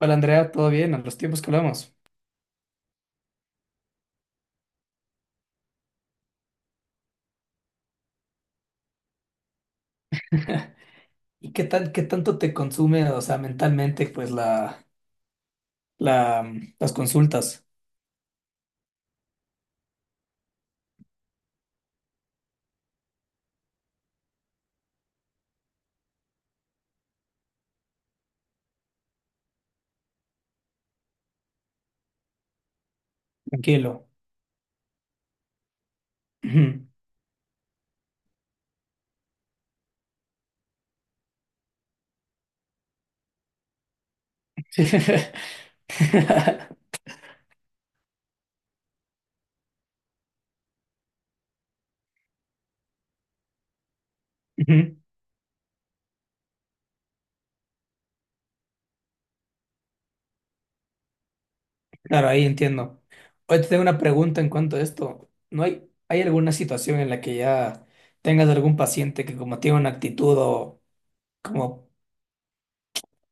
Hola Andrea, ¿todo bien? A los tiempos que hablamos. ¿Y qué tanto te consume, o sea, mentalmente, pues las consultas? Tranquilo. Ujú. Sí. Ujú. Claro, ahí entiendo. Hoy te tengo una pregunta en cuanto a esto. ¿No hay, hay alguna situación en la que ya tengas algún paciente que como tiene una actitud o como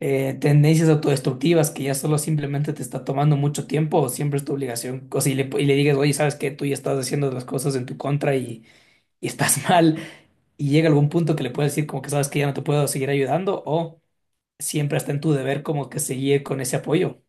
tendencias autodestructivas que ya solo simplemente te está tomando mucho tiempo o siempre es tu obligación? O si le, y le digas, oye, ¿sabes qué? Tú ya estás haciendo las cosas en tu contra y estás mal. Y llega algún punto que le puedes decir como que sabes que ya no te puedo seguir ayudando o siempre está en tu deber como que seguir con ese apoyo.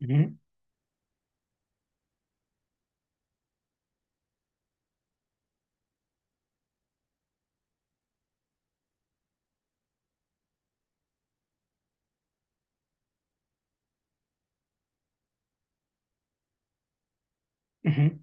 Ujú, ujú.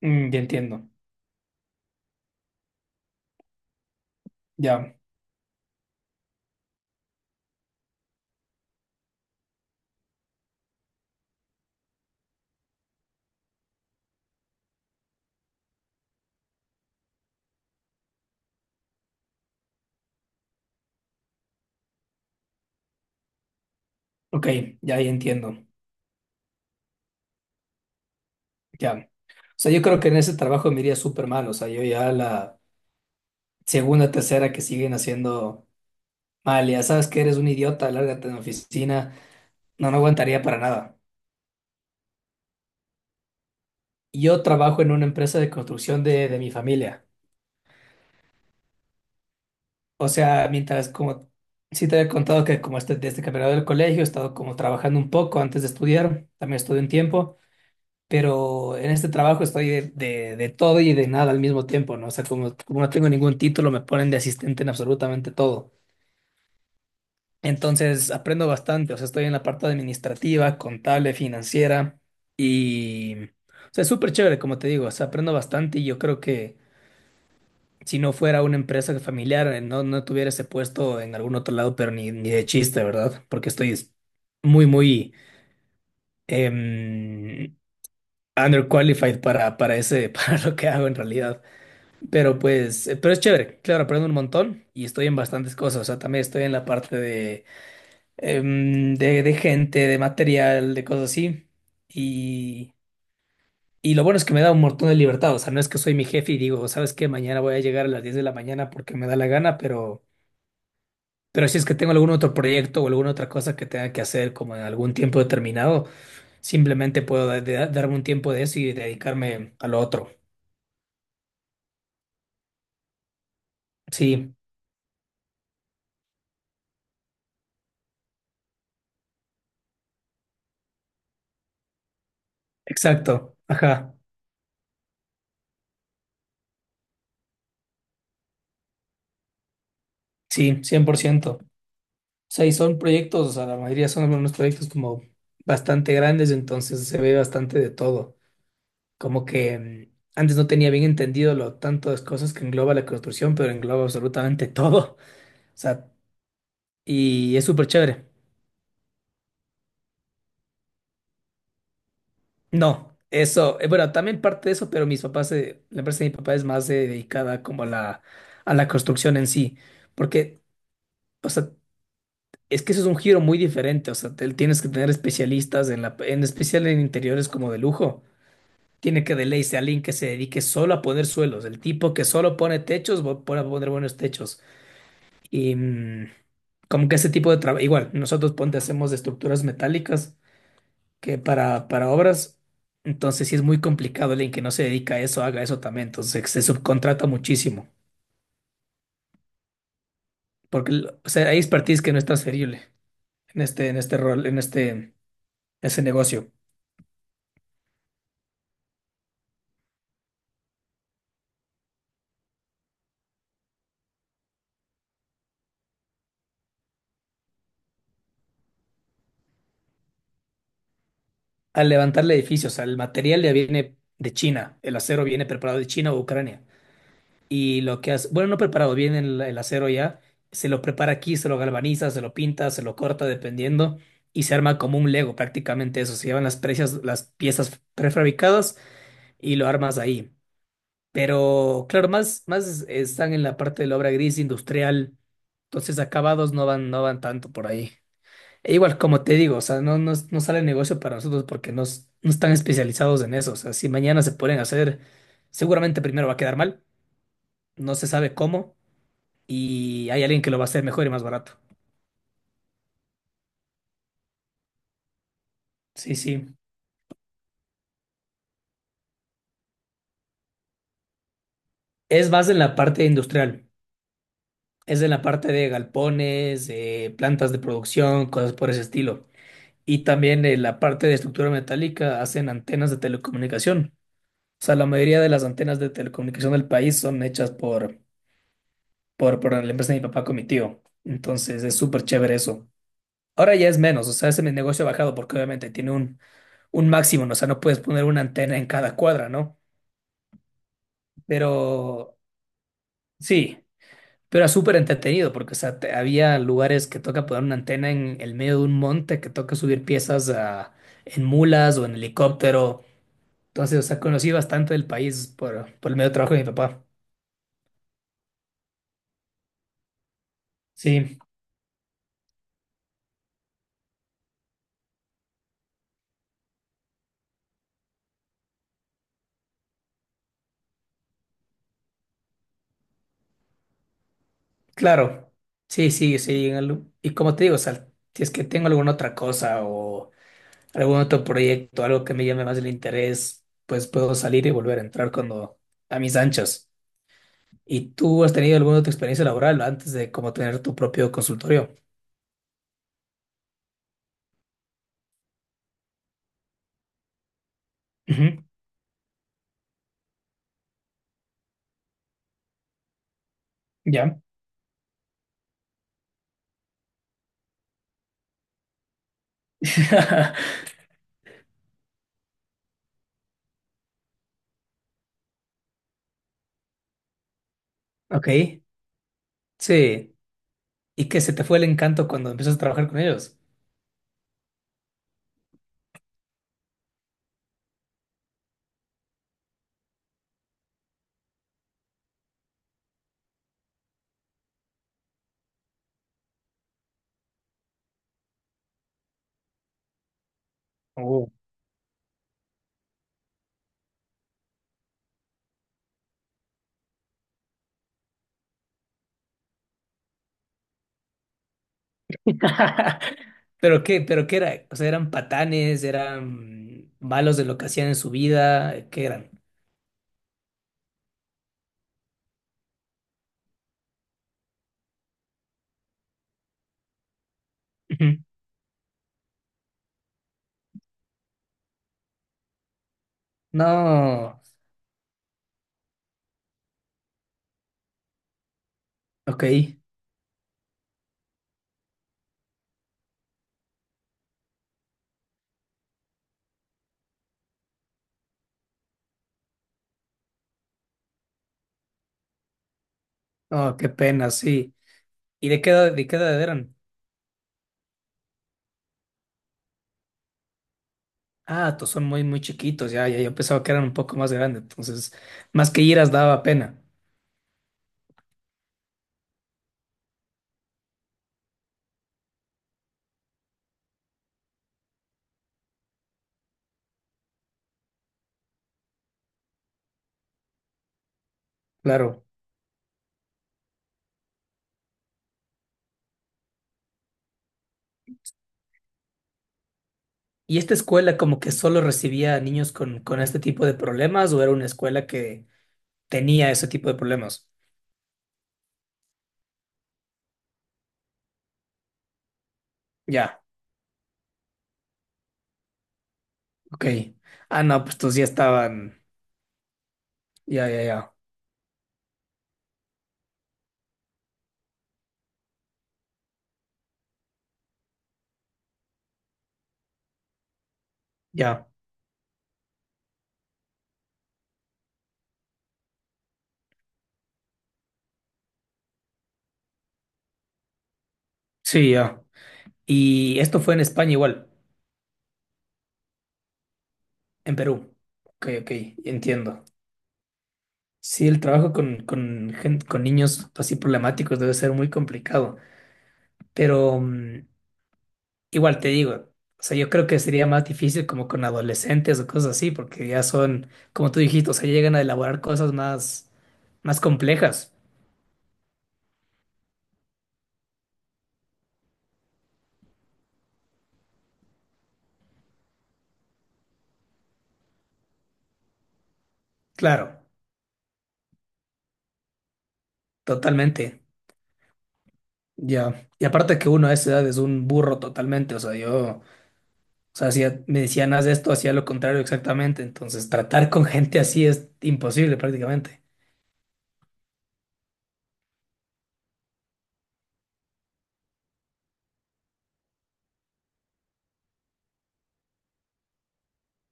Mm, ya entiendo. Ya. Ok, ya, ya entiendo. Ya. O sea, yo creo que en ese trabajo me iría súper mal. O sea, yo ya la segunda, tercera que siguen haciendo mal, ya sabes que eres un idiota, lárgate de la oficina. No, no aguantaría para nada. Yo trabajo en una empresa de construcción de mi familia. O sea, mientras como sí te había contado que como este, desde que me gradué del colegio he estado como trabajando un poco antes de estudiar, también estudié un tiempo, pero en este trabajo estoy de todo y de nada al mismo tiempo, ¿no? O sea, como no tengo ningún título, me ponen de asistente en absolutamente todo. Entonces aprendo bastante, o sea, estoy en la parte administrativa, contable, financiera y... O sea, es súper chévere, como te digo, o sea, aprendo bastante y yo creo que si no fuera una empresa familiar, no tuviera ese puesto en algún otro lado, pero ni de chiste, ¿verdad? Porque muy, muy em, underqualified para ese, para lo que hago en realidad. Pero pues, pero es chévere, claro, aprendo un montón y estoy en bastantes cosas. O sea, también estoy en la parte de gente, de material, de cosas así. Y, y lo bueno es que me da un montón de libertad. O sea, no es que soy mi jefe y digo, ¿sabes qué? Mañana voy a llegar a las 10 de la mañana porque me da la gana. Pero si es que tengo algún otro proyecto o alguna otra cosa que tenga que hacer como en algún tiempo determinado, simplemente puedo darme un tiempo de eso y dedicarme a lo otro. Sí, exacto. Ajá. Sí, 100%. O sea, y son proyectos, o sea, la mayoría son unos proyectos como bastante grandes, entonces se ve bastante de todo. Como que mm, antes no tenía bien entendido lo tanto de cosas que engloba la construcción, pero engloba absolutamente todo. O sea, y es súper chévere. No, eso, bueno, también parte de eso, pero mis papás, la empresa de mi papá es más dedicada como a a la construcción en sí, porque, o sea, es que eso es un giro muy diferente, o sea, tienes que tener especialistas en en especial en interiores como de lujo. Tiene que de ley ser alguien que se dedique solo a poner suelos, el tipo que solo pone techos, va a poner buenos techos. Y mm, como que ese tipo de trabajo, igual, nosotros ponte hacemos de estructuras metálicas que para obras, entonces sí es muy complicado alguien que no se dedica a eso haga eso también, entonces se subcontrata muchísimo, porque o sea, hay expertise que no es transferible en este rol, en este, ese negocio. Al levantar el edificio, o sea, el material ya viene de China, el acero viene preparado de China o Ucrania, y lo que hace, bueno, no preparado, viene el acero ya, se lo prepara aquí, se lo galvaniza, se lo pinta, se lo corta dependiendo. Y se arma como un Lego prácticamente eso. Se llevan las precias, las piezas prefabricadas y lo armas ahí. Pero claro, más están en la parte de la obra gris industrial, entonces acabados no van tanto por ahí. E igual, como te digo, o sea, no sale negocio para nosotros porque no, no están especializados en eso. O sea, si mañana se pueden hacer, seguramente primero va a quedar mal, no se sabe cómo, y hay alguien que lo va a hacer mejor y más barato. Sí, sí. Es más en la parte industrial, es en la parte de galpones, plantas de producción, cosas por ese estilo. Y también en la parte de estructura metálica hacen antenas de telecomunicación. O sea, la mayoría de las antenas de telecomunicación del país son hechas por la empresa de mi papá con mi tío. Entonces es súper chévere eso. Ahora ya es menos, o sea, ese negocio ha bajado porque obviamente tiene un máximo, ¿no? O sea, no puedes poner una antena en cada cuadra, ¿no? Pero sí, pero era súper entretenido porque, o sea, había lugares que toca poner una antena en el medio de un monte, que toca subir piezas en mulas o en helicóptero. Entonces, o sea, conocí bastante del país por el medio de trabajo de mi papá. Sí, claro. Sí, sí, sí. Y como te digo, o sea, si es que tengo alguna otra cosa o algún otro proyecto, algo que me llame más el interés, pues puedo salir y volver a entrar cuando a mis anchas. ¿Y tú has tenido alguna otra experiencia laboral antes de como tener tu propio consultorio? Ujú. Ya. Ok, sí. ¿Y que se te fue el encanto cuando empezaste a trabajar con ellos? Oh. ¿Pero qué? ¿Pero qué era? O sea, ¿eran patanes? ¿Eran malos de lo que hacían en su vida? ¿Qué eran? Ujú. No, ok. No, qué pena, sí. ¿Y de qué edad eran? Ah, todos son muy chiquitos, ya, ya, yo pensaba que eran un poco más grandes, entonces, más que iras daba pena, claro. ¿Y esta escuela como que solo recibía a niños con este tipo de problemas o era una escuela que tenía ese tipo de problemas? Ya, ok. Ah, no, pues estos ya estaban, ya, ya, ya, ya, sí, ya. Y esto fue en España igual, en Perú. Ok, ok, entiendo. Sí, el trabajo con niños así problemáticos debe ser muy complicado, pero mm, igual te digo, o sea, yo creo que sería más difícil como con adolescentes o cosas así, porque ya son, como tú dijiste, o sea, llegan a elaborar más complejas. Claro, totalmente. Ya. Y aparte que uno a esa edad es un burro totalmente, o sea, yo... O sea, me decían, haz esto, hacía lo contrario exactamente. Entonces, tratar con gente así es imposible prácticamente.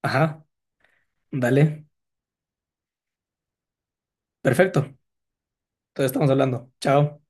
Ajá, dale. Perfecto. Entonces estamos hablando. Chao.